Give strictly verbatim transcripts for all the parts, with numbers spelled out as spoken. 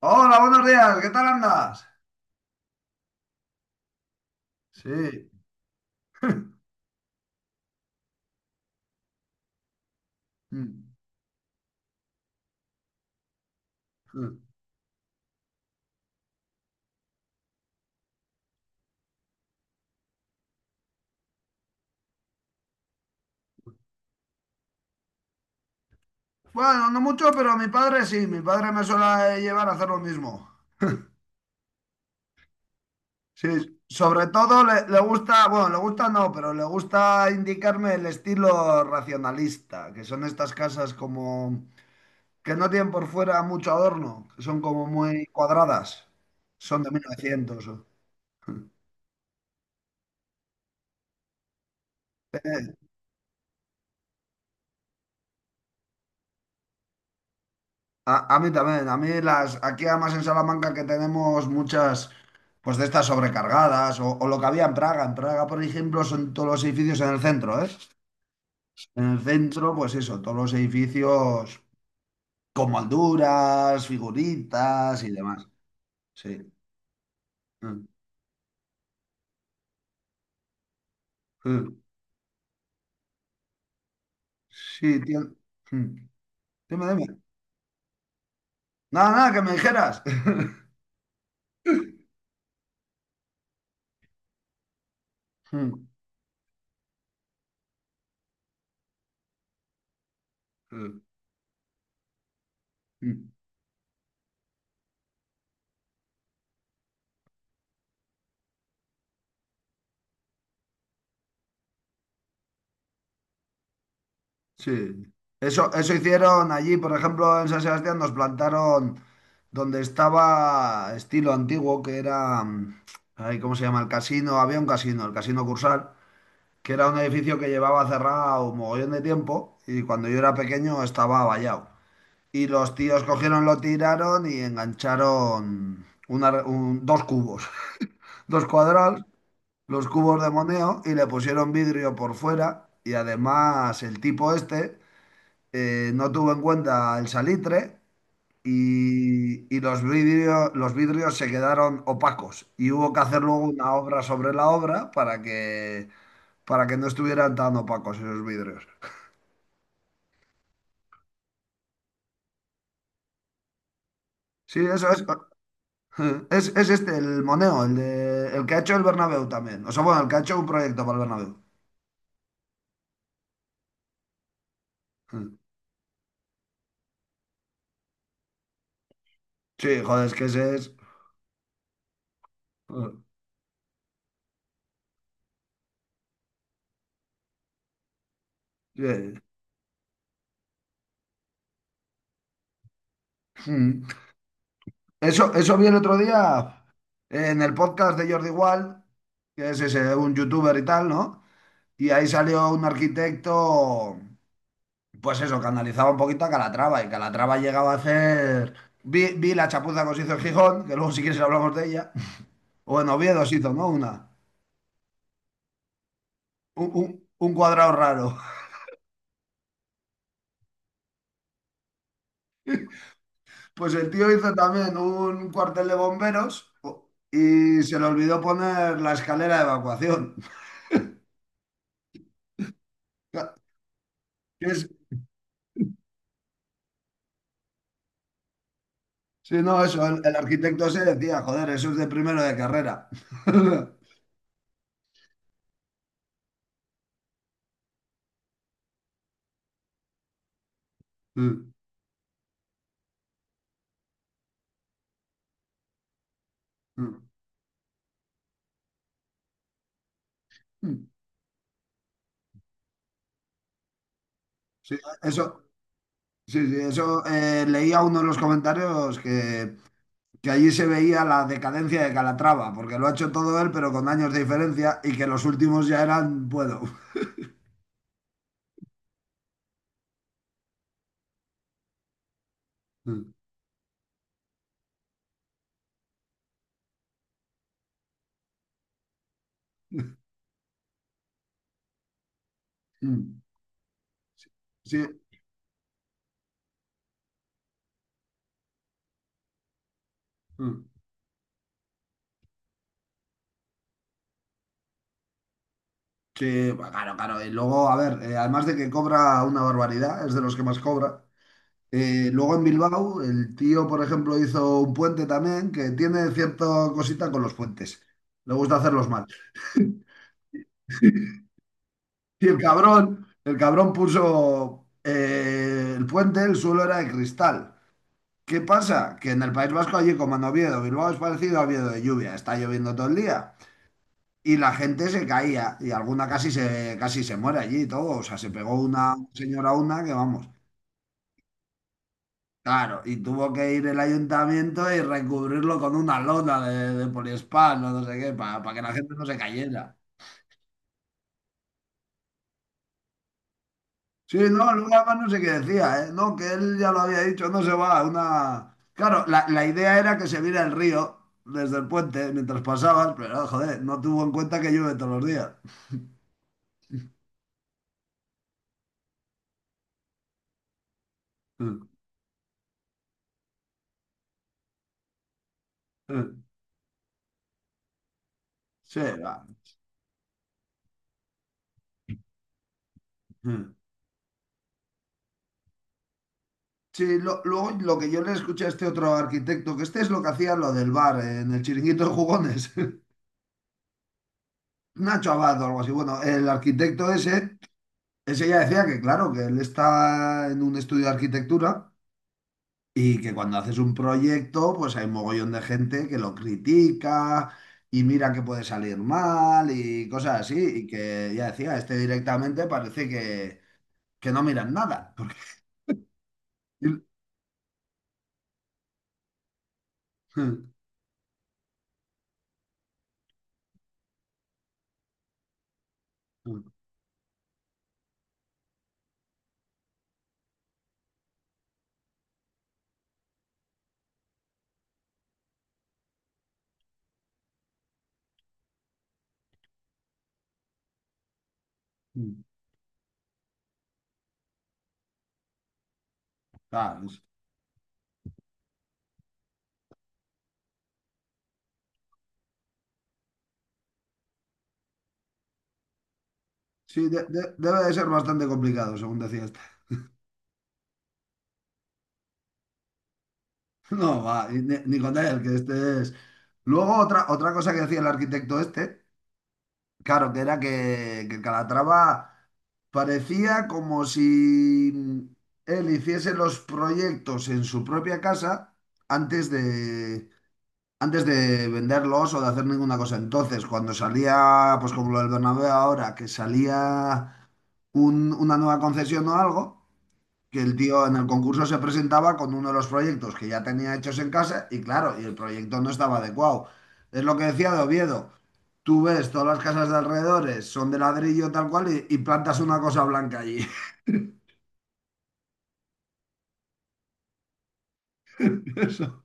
Hola, buenos días, ¿qué tal andas? Sí. Bueno, no mucho, pero mi padre sí, mi padre me suele llevar a hacer lo mismo. Sí, sobre todo le, le gusta, bueno, le gusta no, pero le gusta indicarme el estilo racionalista, que son estas casas como que no tienen por fuera mucho adorno, que son como muy cuadradas, son de mil novecientos. A, a mí también, a mí las, aquí además en Salamanca que tenemos muchas, pues de estas sobrecargadas, o, o lo que había en Praga. En Praga, por ejemplo, son todos los edificios en el centro, ¿eh? En el centro, pues eso, todos los edificios con molduras, figuritas y demás. Sí. Mm, mm. Sí, tien- mm. Dime, dime. Nada, nada, que me dijeras. Mm, mm. Sí. Eso, eso hicieron allí, por ejemplo, en San Sebastián nos plantaron donde estaba estilo antiguo, que era, mm, ay, ¿cómo se llama? El casino, había un casino, el Casino Cursal, que era un edificio que llevaba cerrado un mogollón de tiempo y cuando yo era pequeño estaba vallado. Y los tíos cogieron, lo tiraron y engancharon una re- un- dos cubos, dos cuadrados, los cubos de Moneo y le pusieron vidrio por fuera y además el tipo este eh, no tuvo en cuenta el salitre y, y los vidrios los vidrios se quedaron opacos y hubo que hacer luego una obra sobre la obra para que, para que no estuvieran tan opacos esos vidrios. Sí, eso es. Es, es este, el Moneo, el, de, el que ha hecho el Bernabéu también. O sea, bueno, el que ha hecho un proyecto para el Bernabéu. Sí, joder, es que ese es. Sí. Eso, eso vi el otro día en el podcast de Jordi Wild, que es ese, un youtuber y tal, ¿no? Y ahí salió un arquitecto, pues eso, que analizaba un poquito a Calatrava. Y Calatrava llegaba a hacer. Vi, vi la chapuza que se hizo en Gijón, que luego si quieres hablamos de ella. O en Oviedo se hizo, ¿no? Una. Un, un- un cuadrado raro. Pues el tío hizo también un cuartel de bomberos y se le olvidó poner la escalera de evacuación. Que es- Sí, no, eso, el, el arquitecto se decía, joder, eso es de primero de carrera. Sí, eso, sí, sí, eso eh, leía uno de los comentarios que, que allí se veía la decadencia de Calatrava, porque lo ha hecho todo él, pero con años de diferencia, y que los últimos ya eran, puedo. Mm, Sí, mm, sí, bueno, claro, claro. Y luego, a ver, eh, además de que cobra una barbaridad, es de los que más cobra. eh, luego en Bilbao, el tío, por ejemplo, hizo un puente también, que tiene cierta cosita con los puentes. Le gusta hacerlos mal. Y el cabrón, el cabrón puso eh, el puente, el suelo era de cristal. ¿Qué pasa? Que en el País Vasco, allí como en Oviedo, Bilbao es parecido a Oviedo de lluvia, está lloviendo todo el día. Y la gente se caía, y alguna casi se, casi se muere allí y todo. O sea, se pegó una señora una que vamos. Claro, y tuvo que ir el ayuntamiento y recubrirlo con una lona de, de poliespán o no sé qué, para que la gente no se cayera. Sí, no, Luna más no sé qué decía, ¿eh? No, que él ya lo había dicho, no se va, una. Claro, la, la idea era que se viera el río desde el puente mientras pasabas, pero joder, no tuvo en cuenta que llueve todos los días. Sí, va. Sí, lo- luego lo que yo le escuché a este otro arquitecto, que este es lo que hacía lo del bar, eh, en el chiringuito de jugones, Nacho Abad o algo así. Bueno, el arquitecto ese, ese ya decía que claro, que él está en un estudio de arquitectura y que cuando haces un proyecto, pues hay un mogollón de gente que lo critica y mira que puede salir mal y cosas así. Y que ya decía, este directamente parece que, que no miran nada. Porque. Claro, sí, de- de- debe de ser bastante complicado, según decía este. No, va, y ni, ni con él, que este es. Luego, otra, otra cosa que decía el arquitecto este. Claro, que era que, que Calatrava parecía como si él hiciese los proyectos en su propia casa antes de, antes de venderlos o de hacer ninguna cosa. Entonces, cuando salía, pues como lo del Bernabéu ahora, que salía un- una nueva concesión o algo, que el tío en el concurso se presentaba con uno de los proyectos que ya tenía hechos en casa y claro, y el proyecto no estaba adecuado. Es lo que decía de Oviedo. Tú ves todas las casas de alrededores, son de ladrillo tal cual y, y plantas una cosa blanca allí. Eso.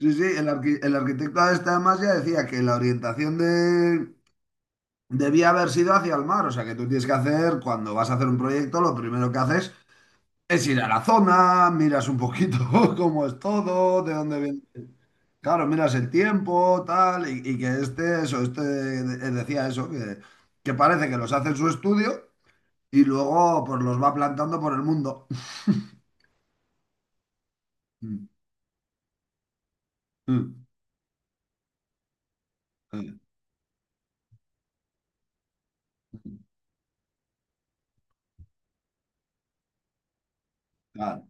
Sí, sí, el, arqui- el arquitecto este además ya decía que la orientación de. Debía haber sido hacia el mar, o sea que tú tienes que hacer, cuando vas a hacer un proyecto, lo primero que haces es ir a la zona, miras un poquito cómo es todo, de dónde viene. Claro, miras el tiempo, tal, y, y que este, eso, este de- decía eso, que, que parece que los hace en su estudio y luego pues los va plantando por el mundo. Mm, mm, eh, mm, claro,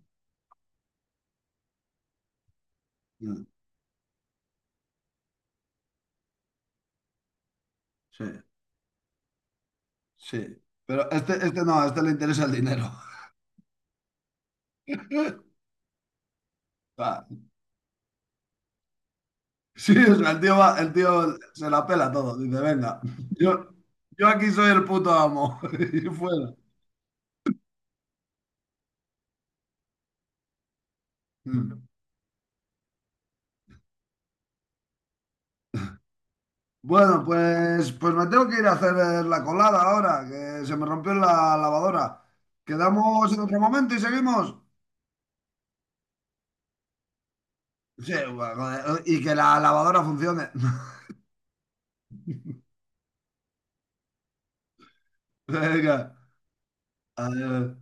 mm, sí, sí. Pero este, este no, a este le interesa el dinero. Claro. Sí, o sea, el tío va- el tío se la pela todo, dice, venga, yo, yo aquí soy el puto amo. Y fuera. Mm. Bueno, pues, pues me tengo que ir a hacer eh, la colada ahora, que se me rompió la lavadora. ¿Quedamos en otro momento y seguimos? Sí, bueno, joder, y que la lavadora funcione. Venga, adiós.